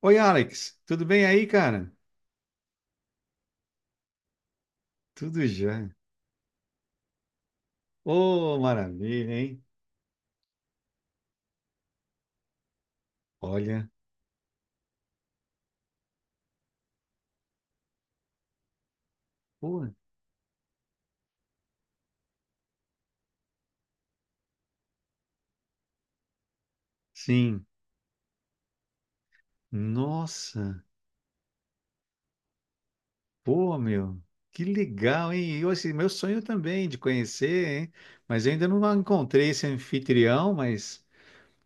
Oi, Alex, tudo bem aí, cara? Tudo já. Ô, maravilha, hein? Olha, pô, sim, nossa, pô, meu, que legal, hein? E, assim, meu sonho também de conhecer, hein? Mas eu ainda não encontrei esse anfitrião, mas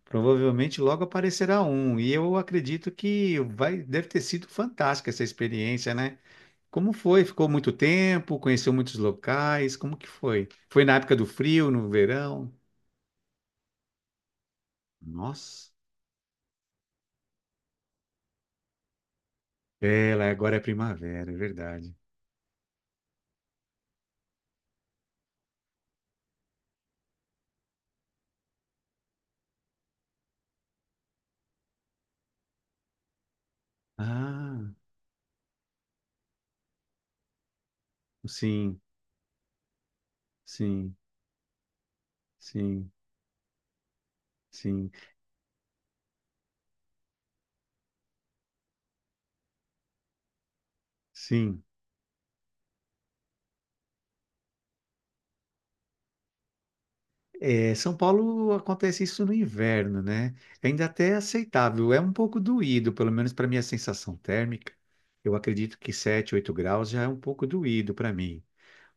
provavelmente logo aparecerá um. E eu acredito que vai, deve ter sido fantástica essa experiência, né? Como foi? Ficou muito tempo? Conheceu muitos locais? Como que foi? Foi na época do frio, no verão? Nossa. Ela agora é primavera, é verdade. Ah, sim, sim, sim, sim, sim. É, São Paulo acontece isso no inverno, né? É. Ainda até é aceitável, é um pouco doído, pelo menos para minha sensação térmica. Eu acredito que 7 8 graus já é um pouco doído para mim.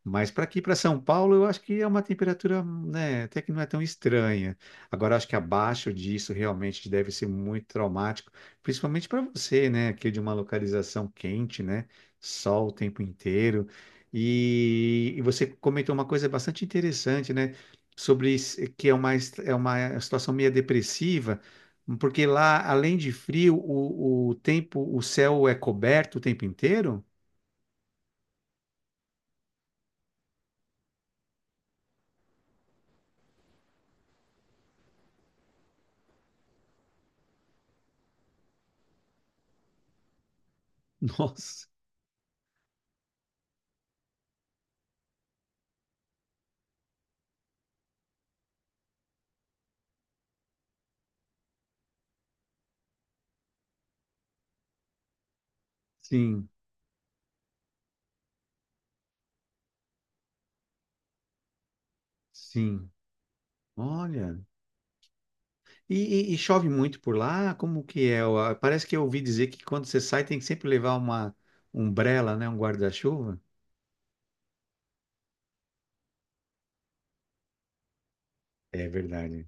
Mas para aqui, para São Paulo, eu acho que é uma temperatura, né, até que não é tão estranha. Agora, acho que abaixo disso realmente deve ser muito traumático, principalmente para você, né, que é de uma localização quente, né, sol o tempo inteiro. E você comentou uma coisa bastante interessante, né, sobre que é uma, é uma situação meio depressiva, porque lá, além de frio, o tempo, o céu é coberto o tempo inteiro? Nossa, sim, sim. Olha, e, e chove muito por lá? Como que é? Parece que eu ouvi dizer que quando você sai tem que sempre levar uma umbrella, né? Um guarda-chuva. É verdade.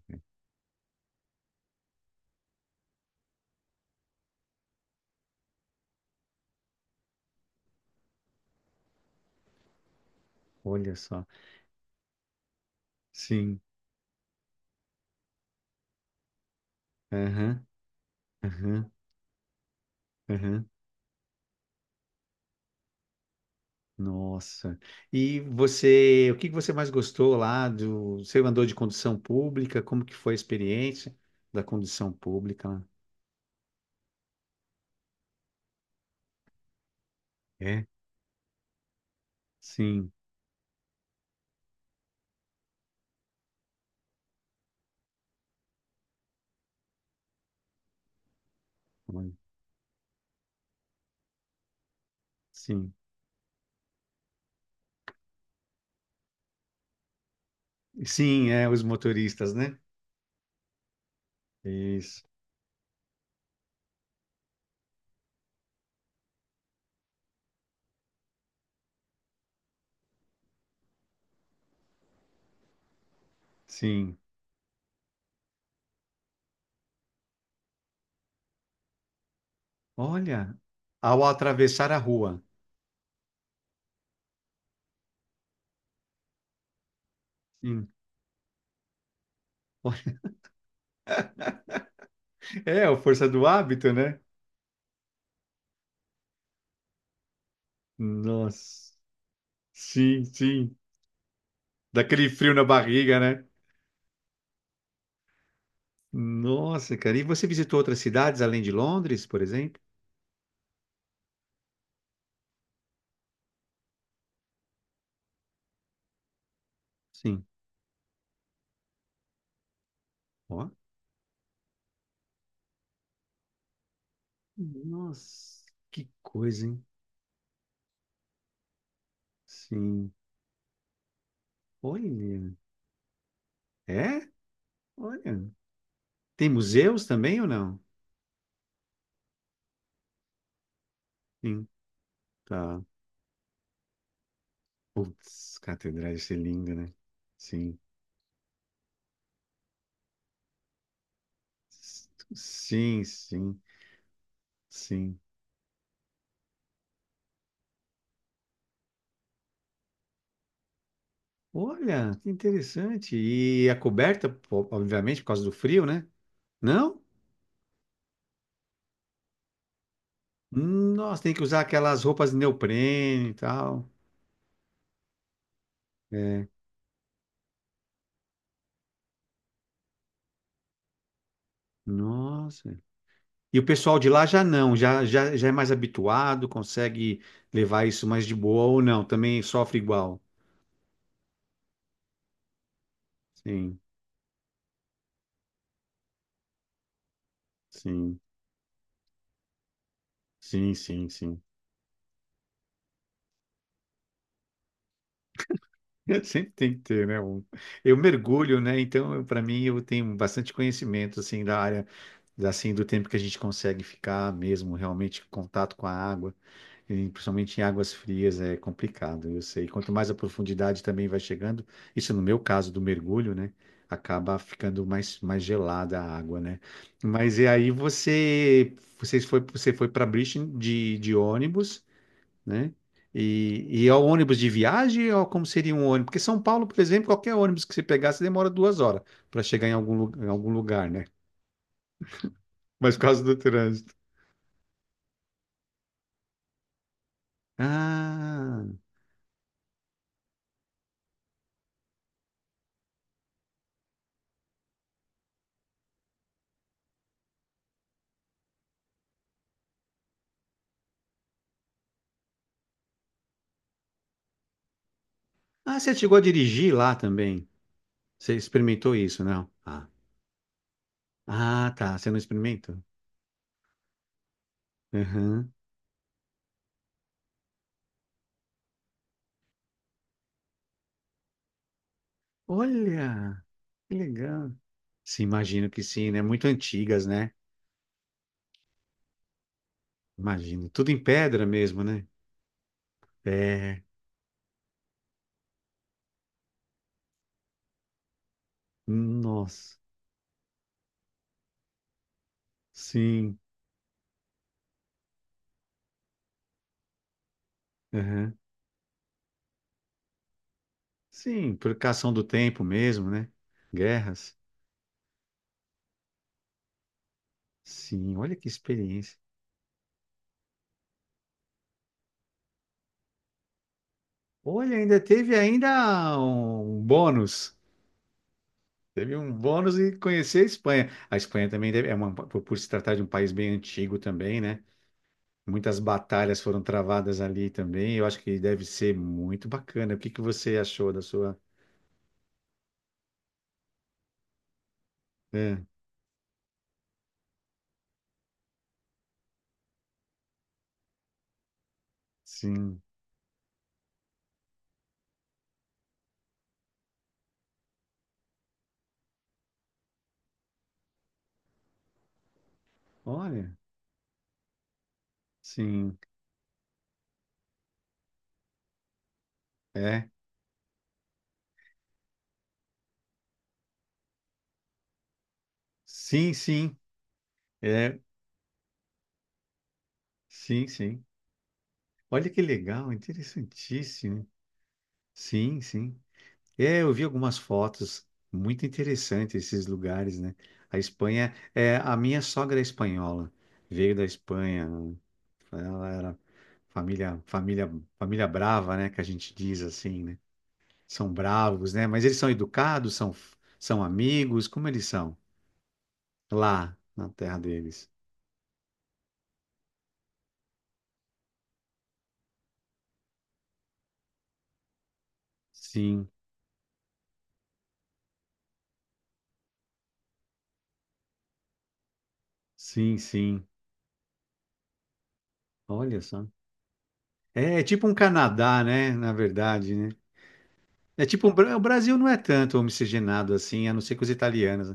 Olha só. Sim. Aham, aham, aham. Nossa. E você, o que que você mais gostou lá do... Você andou de condução pública? Como que foi a experiência da condução pública lá? É? Sim. Olha, sim. Sim, é, os motoristas, né? Isso. Sim. Olha, ao atravessar a rua. Sim. É, a força do hábito, né? Nossa. Sim, sim. Daquele frio na barriga, né? Nossa, cara. E você visitou outras cidades além de Londres, por exemplo? Sim. Ó. Nossa, que coisa, hein? Sim. Olha. É? Olha. Tem museus também ou não? Sim. Tá. Putz, catedral, isso é lindo, né? Sim. S- Sim, sim, sim. Olha, que interessante. E a coberta, obviamente, por causa do frio, né? Não? Nossa, tem que usar aquelas roupas de neoprene e tal. É. Nossa. E o pessoal de lá já não, já é mais habituado, consegue levar isso mais de boa ou não, também sofre igual. Sim, sim, sim, sim, sim. Sempre tem que ter, né? Eu mergulho, né? Então, para mim, eu tenho bastante conhecimento, assim, da área assim, do tempo que a gente consegue ficar mesmo realmente em contato com a água, e principalmente em águas frias, é complicado, eu sei. Quanto mais a profundidade também vai chegando, isso no meu caso do mergulho, né? Acaba ficando mais gelada a água, né? Mas e aí você, você foi para Brisbane de ônibus, né? E é o ônibus de viagem ou como seria um ônibus? Porque São Paulo, por exemplo, qualquer ônibus que você pegasse demora 2 horas para chegar em em algum lugar, né? Mas por causa do trânsito. Ah. Ah, você chegou a dirigir lá também? Você experimentou isso, não? Ah. Ah, tá, você não experimentou? Aham. Olha, que legal. Sim, imagino que sim, né? Muito antigas, né? Imagino. Tudo em pedra mesmo, né? É. Nossa. Sim. Aham. Sim, por cação do tempo mesmo, né? Guerras. Sim, olha que experiência. Olha, ainda teve ainda um bônus. Teve um bônus e conhecer a Espanha. A Espanha também é uma, por se tratar de um país bem antigo também, né? Muitas batalhas foram travadas ali também. Eu acho que deve ser muito bacana. O que que você achou da sua? É, sim. Olha, sim. É. Sim, sim. É. Sim, sim. Olha que legal, interessantíssimo. Sim, sim. É, eu vi algumas fotos, muito interessante esses lugares, né? A Espanha, é, a minha sogra é espanhola, veio da Espanha, ela era família, família, família brava, né? Que a gente diz assim, né? São bravos, né? Mas eles são educados, são amigos, como eles são lá na terra deles? Sim, sim, sim. Olha só. É, é tipo um Canadá, né? Na verdade, né? É tipo, o Brasil não é tanto homogenado assim, a não ser com os italianos.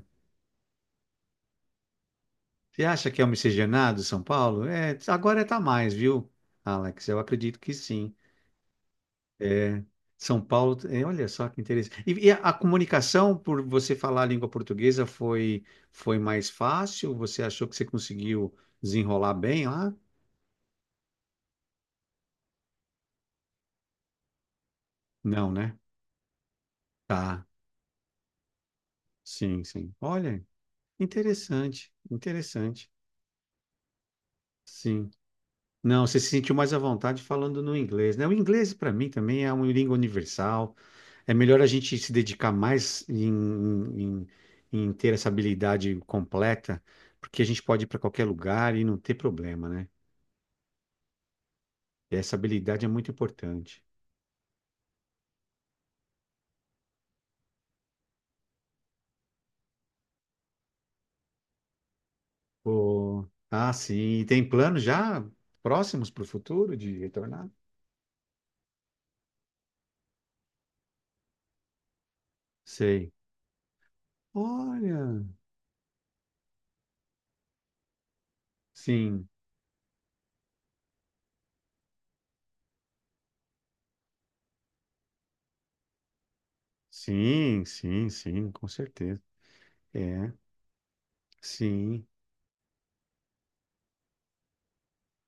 Você acha que é um miscigenado São Paulo? É, agora está mais, viu, Alex? Eu acredito que sim. É, São Paulo, é, olha só que interessante. E a comunicação, por você falar a língua portuguesa, foi mais fácil? Você achou que você conseguiu desenrolar bem lá? Não, né? Tá, sim, sim. Olha, interessante, interessante. Sim. Não, você se sentiu mais à vontade falando no inglês, né? O inglês, para mim, também é uma língua universal. É melhor a gente se dedicar mais em- em ter essa habilidade completa, porque a gente pode ir para qualquer lugar e não ter problema, né? E essa habilidade é muito importante. Pô, ah, sim. E tem planos já próximos para o futuro de retornar? Sei. Olha, sim, sim, sim, sim, com certeza. É, sim.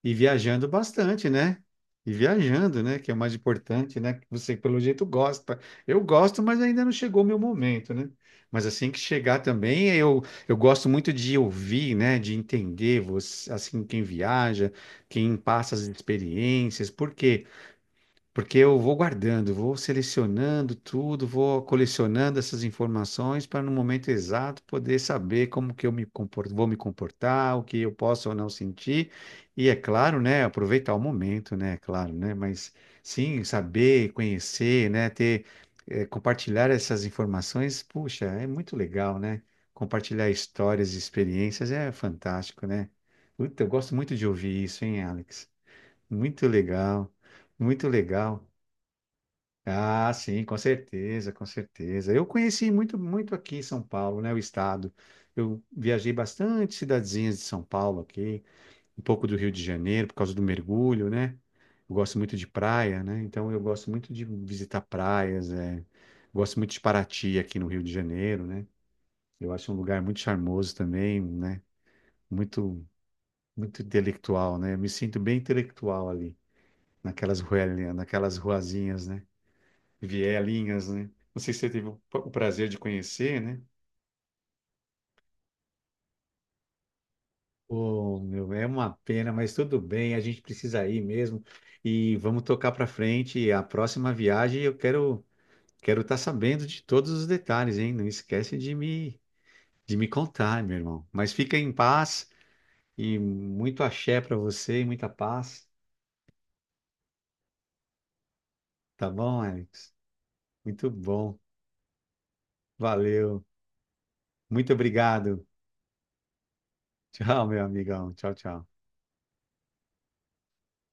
E viajando bastante, né? E viajando, né? Que é o mais importante, né? Que você, pelo jeito, gosta. Eu gosto, mas ainda não chegou o meu momento, né? Mas assim que chegar também, eu gosto muito de ouvir, né? De entender você, assim, quem viaja, quem passa as experiências, porque eu vou guardando, vou selecionando tudo, vou colecionando essas informações para no momento exato poder saber como que eu vou me comportar, o que eu posso ou não sentir. E é claro, né, aproveitar o momento, né, é claro, né, mas sim, saber, conhecer, né, ter, compartilhar essas informações, puxa, é muito legal, né? Compartilhar histórias e experiências é fantástico, né? Puta, eu gosto muito de ouvir isso, hein, Alex? Muito legal, muito legal. Ah, sim, com certeza, com certeza. Eu conheci muito, muito aqui em São Paulo, né, o estado. Eu viajei bastante cidadezinhas de São Paulo aqui, um pouco do Rio de Janeiro por causa do mergulho, né? Eu gosto muito de praia, né? Então eu gosto muito de visitar praias, é. Gosto muito de Paraty aqui no Rio de Janeiro, né? Eu acho um lugar muito charmoso também, né? Muito, muito intelectual, né? Eu me sinto bem intelectual ali, naquelas ruelinhas, naquelas ruazinhas, né? Vielinhas, né? Não sei se você teve o prazer de conhecer, né? Oh, meu, é uma pena, mas tudo bem, a gente precisa ir mesmo e vamos tocar para frente. E a próxima viagem eu quero estar sabendo de todos os detalhes, hein? Não esquece de me contar, meu irmão. Mas fica em paz e muito axé para você e muita paz, tá bom, Alex? Muito bom. Valeu. Muito obrigado. Tchau, meu amigão. Tchau, tchau.